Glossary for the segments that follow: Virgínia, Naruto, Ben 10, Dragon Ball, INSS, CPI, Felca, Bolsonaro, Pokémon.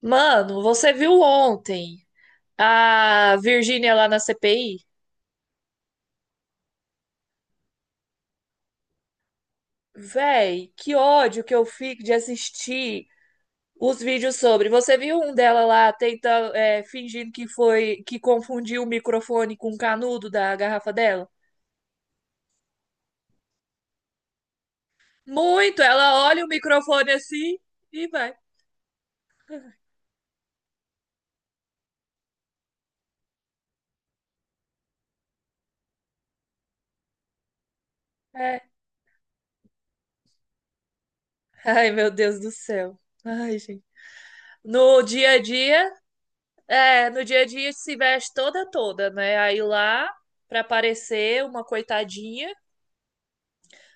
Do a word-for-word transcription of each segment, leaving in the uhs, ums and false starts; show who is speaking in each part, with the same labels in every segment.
Speaker 1: Mano, você viu ontem a Virgínia lá na C P I? Véi, que ódio que eu fico de assistir os vídeos sobre. Você viu um dela lá tentando, é, fingindo que foi, que confundiu o microfone com o canudo da garrafa dela? Muito! Ela olha o microfone assim e vai. É. Ai, meu Deus do céu. Ai, gente. No dia a dia, é, No dia a dia se veste toda toda, né? Aí lá, pra parecer uma coitadinha.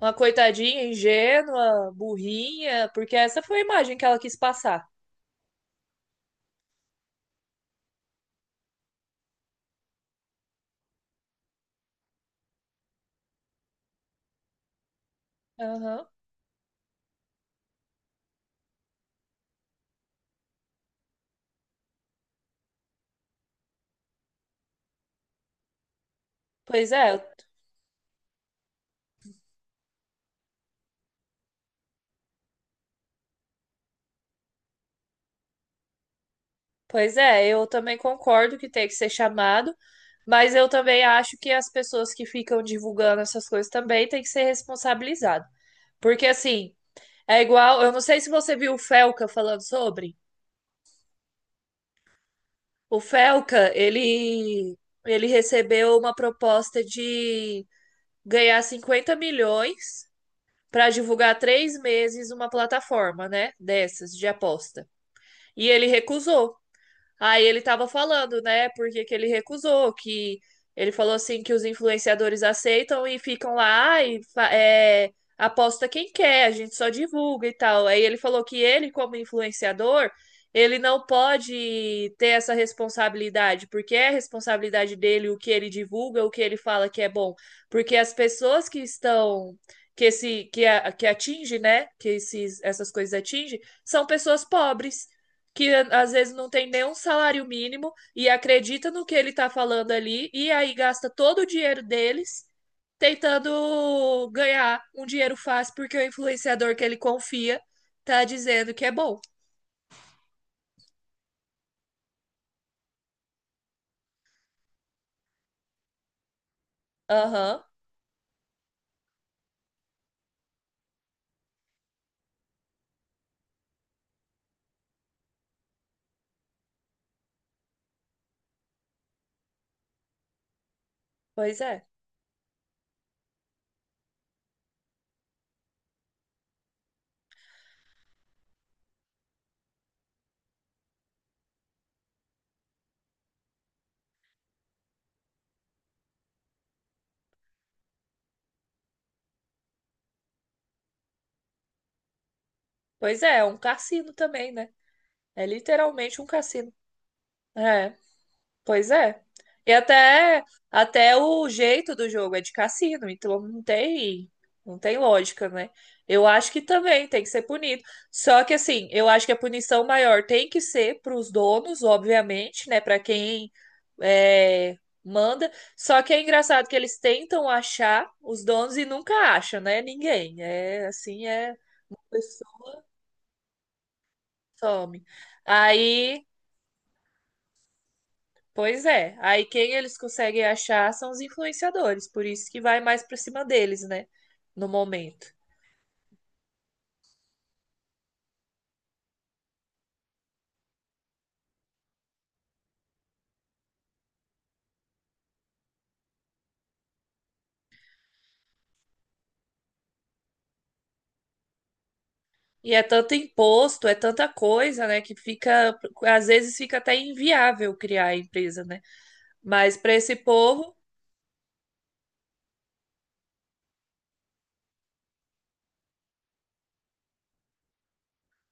Speaker 1: Uma coitadinha ingênua, burrinha, porque essa foi a imagem que ela quis passar. Aham. Pois é, eu- Pois é, eu também concordo que tem que ser chamado, mas eu também acho que as pessoas que ficam divulgando essas coisas também têm que ser responsabilizadas. Porque assim, é igual, eu não sei se você viu o Felca falando sobre. O Felca, ele ele recebeu uma proposta de ganhar cinquenta milhões para divulgar três meses uma plataforma, né, dessas de aposta. E ele recusou. Aí ele tava falando, né, porque que ele recusou, que ele falou assim que os influenciadores aceitam e ficam lá e fa- é, aposta quem quer, a gente só divulga e tal. Aí ele falou que ele, como influenciador, ele não pode ter essa responsabilidade, porque é responsabilidade dele o que ele divulga, o que ele fala que é bom. Porque as pessoas que estão, que esse, que, a, que atinge, né, que esses, essas coisas atingem, são pessoas pobres que às vezes não tem nenhum salário mínimo e acredita no que ele tá falando ali e aí gasta todo o dinheiro deles tentando ganhar um dinheiro fácil porque o influenciador que ele confia tá dizendo que é bom. Aham, pois é. Pois é, é um cassino também, né? É literalmente um cassino. É. Pois é. E até, até o jeito do jogo é de cassino, então não tem, não tem lógica, né? Eu acho que também tem que ser punido. Só que assim, eu acho que a punição maior tem que ser para os donos, obviamente, né? Para quem é, manda. Só que é engraçado que eles tentam achar os donos e nunca acham, né? Ninguém. É assim, é. A pessoa some. Aí Pois é. Aí quem eles conseguem achar são os influenciadores, por isso que vai mais para cima deles, né? No momento. E é tanto imposto, é tanta coisa, né, que fica, às vezes fica até inviável criar a empresa, né? Mas para esse povo,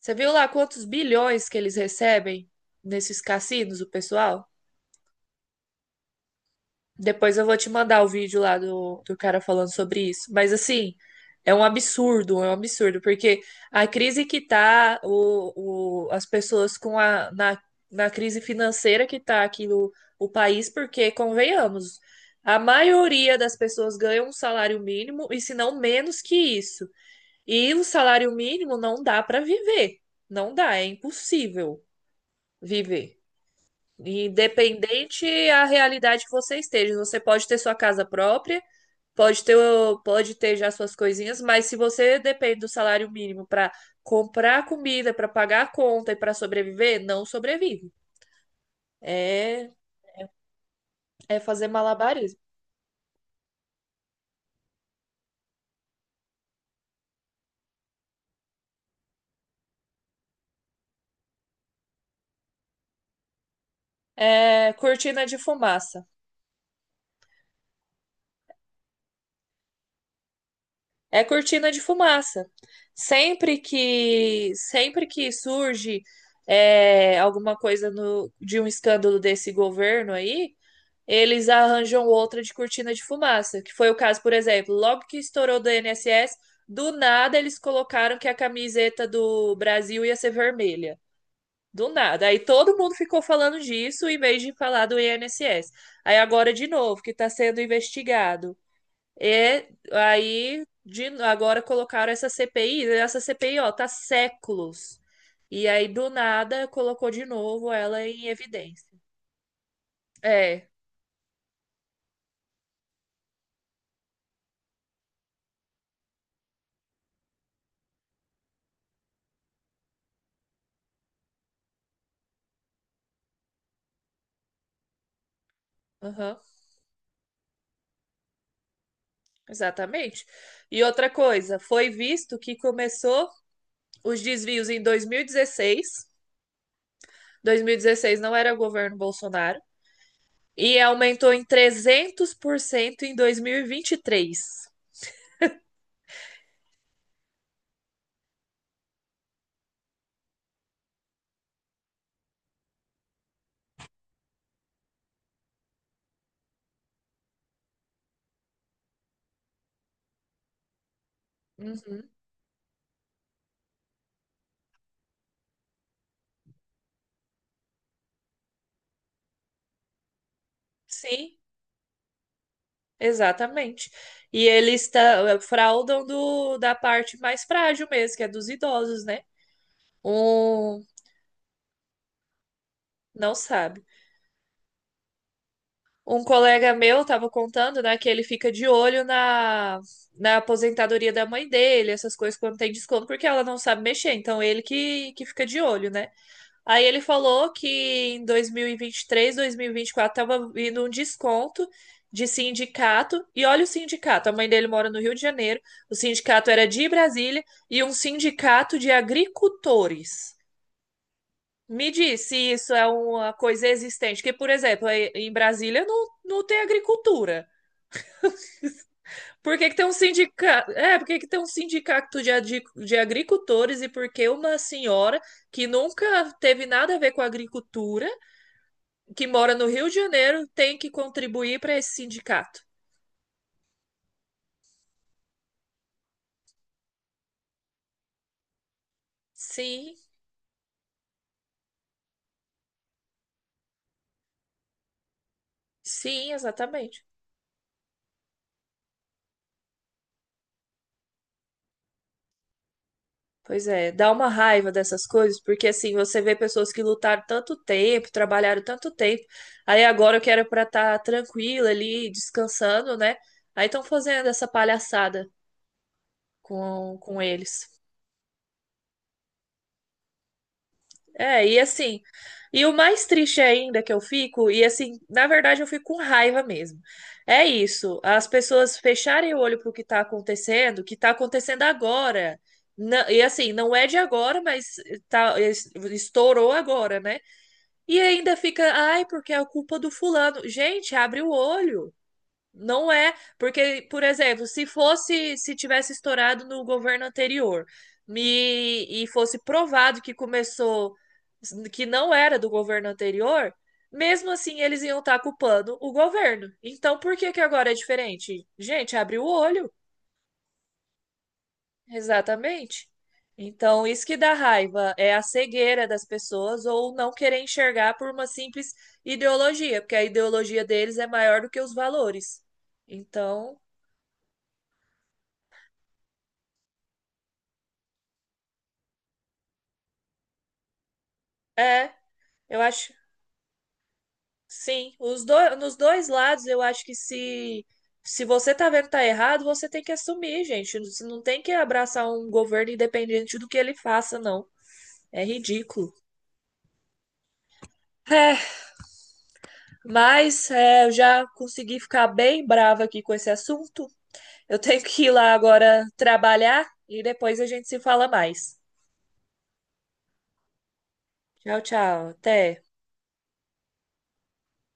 Speaker 1: você viu lá quantos bilhões que eles recebem nesses cassinos, o pessoal? Depois eu vou te mandar o vídeo lá do, do cara falando sobre isso. Mas assim, é um absurdo, é um absurdo, porque a crise que tá, o, o, as pessoas com a, na, na crise financeira que tá aqui no o país, porque, convenhamos, a maioria das pessoas ganha um salário mínimo, e se não menos que isso. E o salário mínimo não dá para viver. Não dá, é impossível viver. Independente a realidade que você esteja, você pode ter sua casa própria, pode ter, o- pode ter já suas coisinhas, mas se você depende do salário mínimo para comprar comida, para pagar a conta e para sobreviver, não sobrevive. É, é fazer malabarismo. É cortina de fumaça. É cortina de fumaça. Sempre que sempre que surge é, alguma coisa no- de um escândalo desse governo aí, eles arranjam outra de cortina de fumaça, que foi o caso, por exemplo, logo que estourou do I N S S, do nada eles colocaram que a camiseta do Brasil ia ser vermelha. Do nada. Aí todo mundo ficou falando disso em vez de falar do I N S S. Aí agora de novo, que está sendo investigado é aí, de- agora colocaram essa C P I, e essa C P I, ó, tá séculos. E aí, do nada, colocou de novo ela em evidência. É, aham, exatamente. E outra coisa, foi visto que começou os desvios em dois dois mil mil e dezesseis. Dois mil e dois mil e dezesseis não era governo Bolsonaro. E aumentou em trezentos por cento em dois mil e vinte e três. Uhum. Sim, exatamente. E eles tá- fraudam do, da parte mais frágil mesmo, que é dos idosos, né? Um não sabe. Um colega meu estava contando, né, que ele fica de olho na, na aposentadoria da mãe dele, essas coisas quando tem desconto, porque ela não sabe mexer. Então ele que, que fica de olho, né? Aí ele falou que em dois mil e vinte e três, dois mil e vinte e quatro estava vindo um desconto de sindicato. E olha o sindicato, a mãe dele mora no Rio de Janeiro. O sindicato era de Brasília e um sindicato de agricultores. Me diz se isso é uma coisa existente, porque, por exemplo, aí em Brasília não, não tem agricultura. Por que que tem um sindicato? É, por que que tem um sindicato de, adi- de agricultores e por que uma senhora que nunca teve nada a ver com agricultura que mora no Rio de Janeiro tem que contribuir para esse sindicato. Sim, sim, exatamente. Pois é, dá uma raiva dessas coisas, porque assim, você vê pessoas que lutaram tanto tempo, trabalharam tanto tempo, aí agora que era para estar tranquila ali, descansando, né? Aí estão fazendo essa palhaçada com, com eles. É, e assim, e o mais triste ainda que eu fico, e assim, na verdade eu fico com raiva mesmo. É isso, as pessoas fecharem o olho pro que tá acontecendo, que tá acontecendo agora. Na- e assim, não é de agora, mas tá, es- estourou agora, né? E ainda fica, ai, porque é a culpa do fulano. Gente, abre o olho. Não é, porque, por exemplo, se fosse, se tivesse estourado no governo anterior me- e fosse provado que começou, que não era do governo anterior, mesmo assim eles iam estar culpando o governo. Então, por que que agora é diferente? Gente, abre o olho. Exatamente. Então, isso que dá raiva é a cegueira das pessoas ou não querer enxergar por uma simples ideologia, porque a ideologia deles é maior do que os valores. Então, é. Eu acho, sim, os dois, nos dois lados, eu acho que se se você tá vendo que tá errado, você tem que assumir, gente. Você não tem que abraçar um governo independente do que ele faça, não. É ridículo. É, mas é, eu já consegui ficar bem brava aqui com esse assunto. Eu tenho que ir lá agora trabalhar e depois a gente se fala mais. Tchau, tchau. Até.